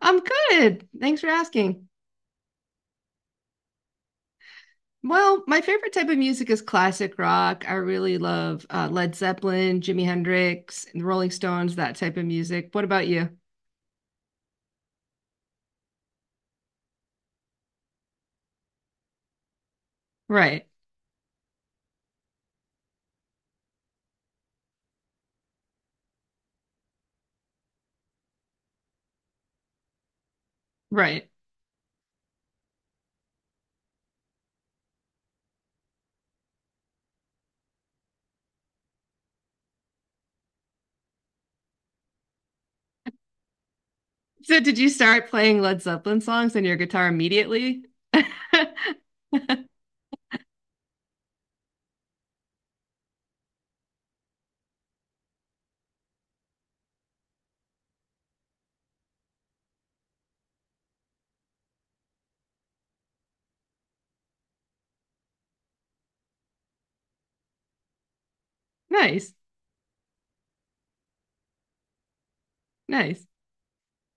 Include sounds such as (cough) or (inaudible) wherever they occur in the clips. I'm good. Thanks for asking. Well, my favorite type of music is classic rock. I really love Led Zeppelin, Jimi Hendrix, and the Rolling Stones, that type of music. What about you? Right, right. So, did you start playing Led Zeppelin songs on your guitar immediately? (laughs) Nice, nice.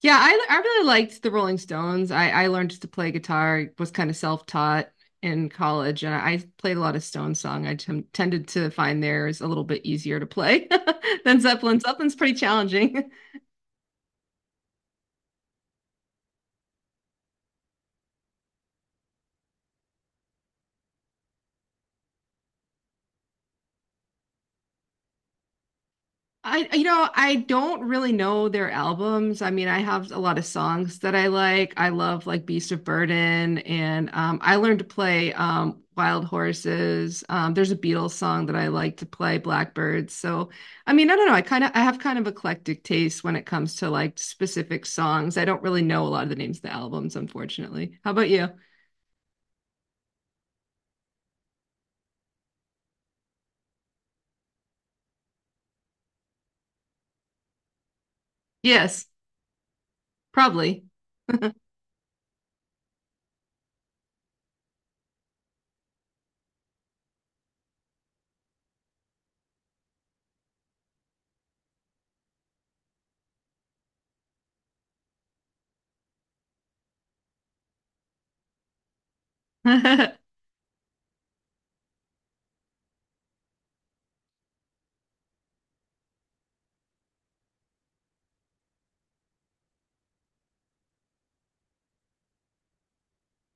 Yeah, I really liked the Rolling Stones. I learned to play guitar, was kind of self-taught in college, and I played a lot of Stones song. I tended to find theirs a little bit easier to play (laughs) than Zeppelin. Zeppelin's pretty challenging. I don't really know their albums. I mean, I have a lot of songs that I like. I love like Beast of Burden, and I learned to play Wild Horses. There's a Beatles song that I like to play, Blackbirds. So, I mean, I don't know. I have kind of eclectic taste when it comes to like specific songs. I don't really know a lot of the names of the albums, unfortunately. How about you? Yes, probably. (laughs)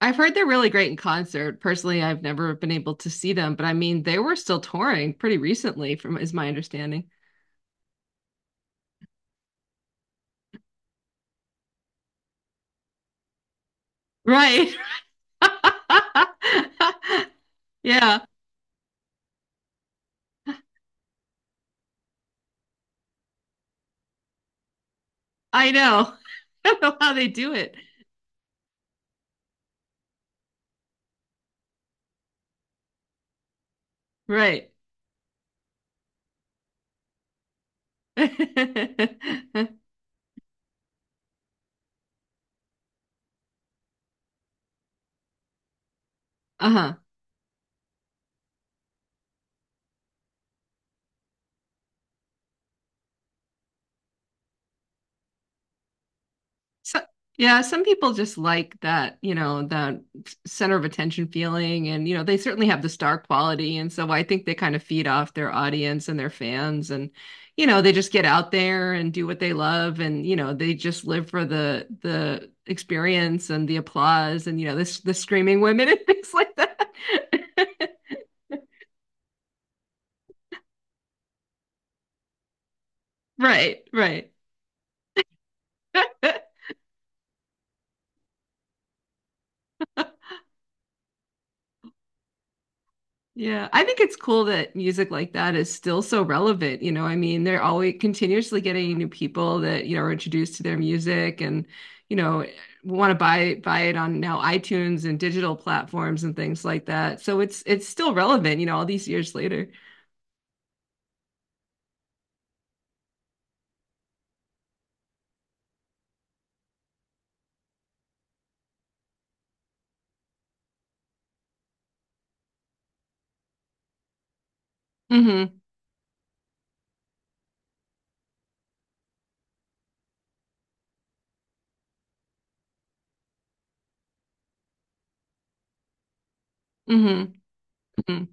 I've heard they're really great in concert. Personally, I've never been able to see them, but I mean, they were still touring pretty recently, from is my understanding. Right. (laughs) Yeah, I know. (laughs) I don't know how they do it. Right. (laughs) Uh-huh. So, yeah, some people just like that, you know, the center of attention feeling. And, you know, they certainly have the star quality. And so I think they kind of feed off their audience and their fans. And, you know, they just get out there and do what they love. And, you know, they just live for the experience and the applause and you know this the screaming women (laughs) and things like that. (laughs) Right, right. (laughs) Yeah, I think it's cool that music like that is still so relevant. You know, I mean, they're always continuously getting new people that, you know, are introduced to their music and, you know, want to buy it on now iTunes and digital platforms and things like that. So it's still relevant, you know, all these years later. Hmm. Hmm. Hmm.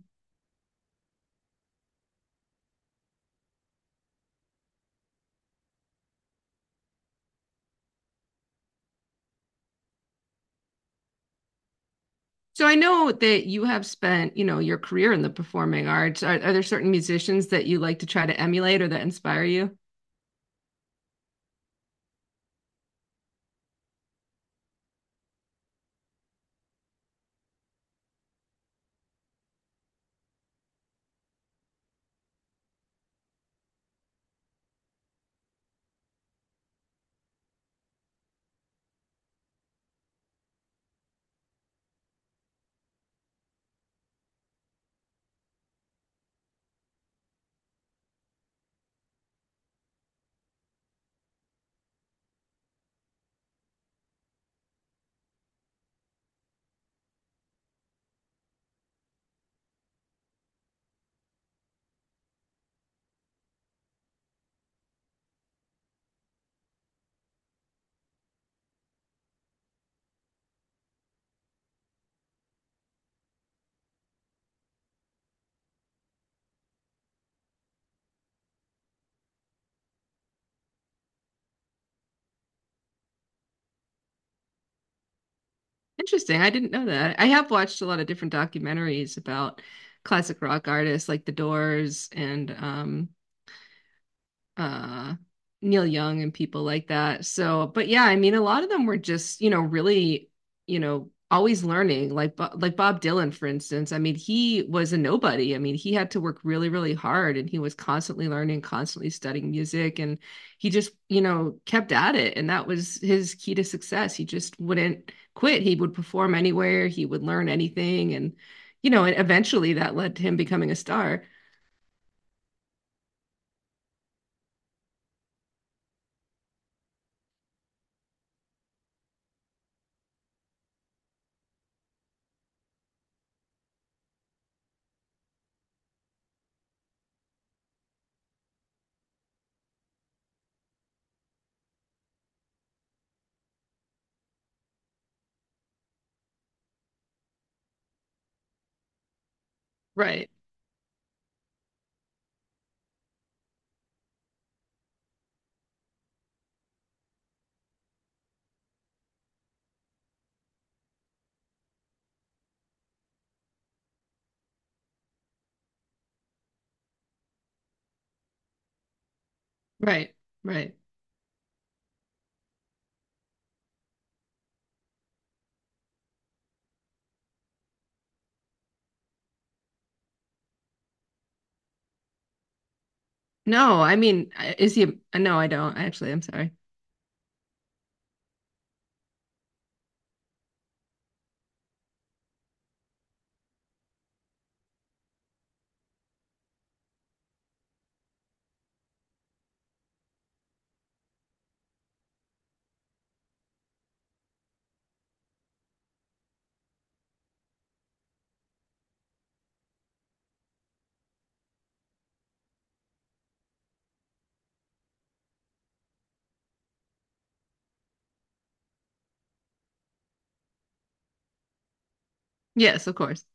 So I know that you have spent, you know, your career in the performing arts. Are there certain musicians that you like to try to emulate or that inspire you? Interesting. I didn't know that. I have watched a lot of different documentaries about classic rock artists like The Doors and uh Neil Young and people like that. So, but yeah, I mean, a lot of them were just, you know, really, you know, always learning. Like, like Bob Dylan, for instance. I mean, he was a nobody. I mean, he had to work really, really hard, and he was constantly learning, constantly studying music, and he just, you know, kept at it. And that was his key to success. He just wouldn't quit. He would perform anywhere. He would learn anything, and you know, and eventually that led to him becoming a star. Right. Right. Right. No, I mean, is he? No, I don't. Actually, I'm sorry. Yes, of course.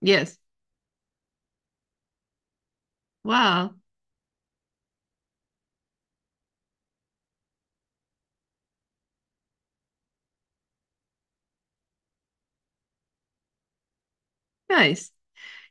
Yes. Wow. Nice.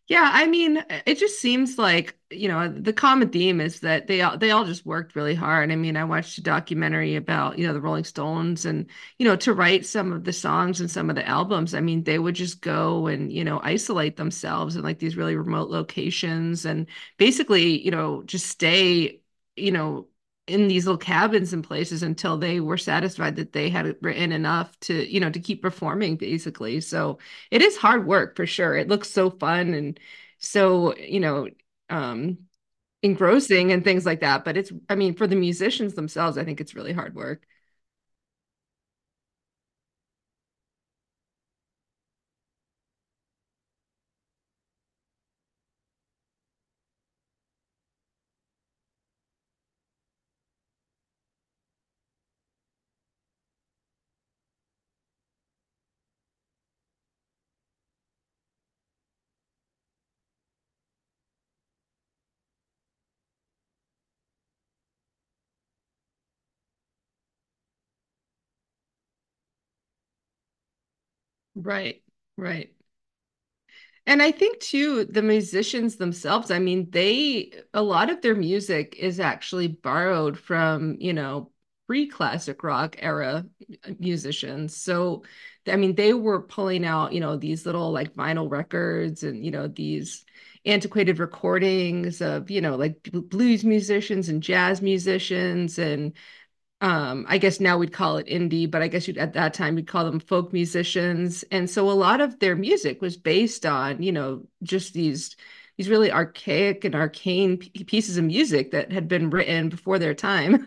Yeah, I mean, it just seems like, you know, the common theme is that they all just worked really hard. I mean, I watched a documentary about, you know, the Rolling Stones and, you know, to write some of the songs and some of the albums. I mean, they would just go and, you know, isolate themselves in like these really remote locations and basically, you know, just stay, you know, in these little cabins and places until they were satisfied that they had written enough to, you know, to keep performing basically. So, it is hard work for sure. It looks so fun and so you know um engrossing and things like that, but it's, I mean, for the musicians themselves, I think it's really hard work. Right. Right. And I think too, the musicians themselves, I mean, they, a lot of their music is actually borrowed from, you know, pre-classic rock era musicians. So, I mean, they were pulling out, you know, these little like vinyl records and, you know, these antiquated recordings of, you know, like blues musicians and jazz musicians, and I guess now we'd call it indie, but I guess you'd at that time we would call them folk musicians. And so a lot of their music was based on, you know, just these really archaic and arcane pieces of music that had been written before their time.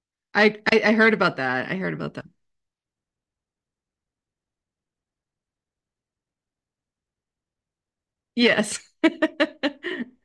(laughs) I I heard about that, I heard about that. Yes. (laughs)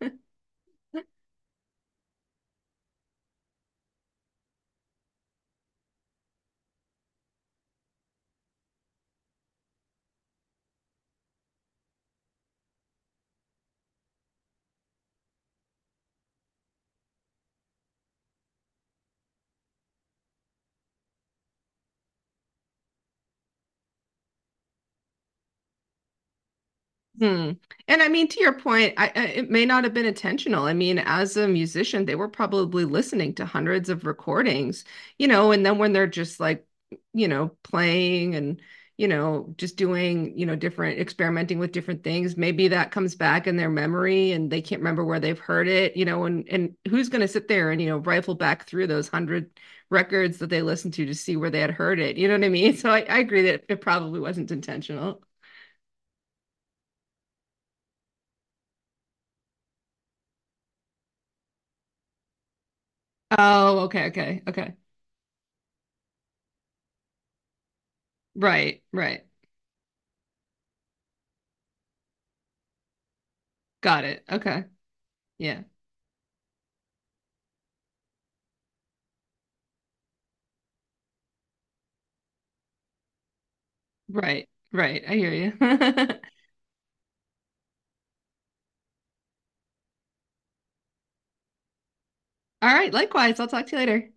Hmm. And I mean, to your point, it may not have been intentional. I mean, as a musician, they were probably listening to hundreds of recordings, you know, and then when they're just like, you know, playing and, you know, just doing, you know, different, experimenting with different things, maybe that comes back in their memory and they can't remember where they've heard it, you know, and who's going to sit there and, you know, rifle back through those hundred records that they listened to see where they had heard it. You know what I mean? (laughs) So I agree that it probably wasn't intentional. Oh, okay, okay, okay. Right, right. Got it. Okay. Yeah. Right, right. I hear you. (laughs) All right. Likewise. I'll talk to you later.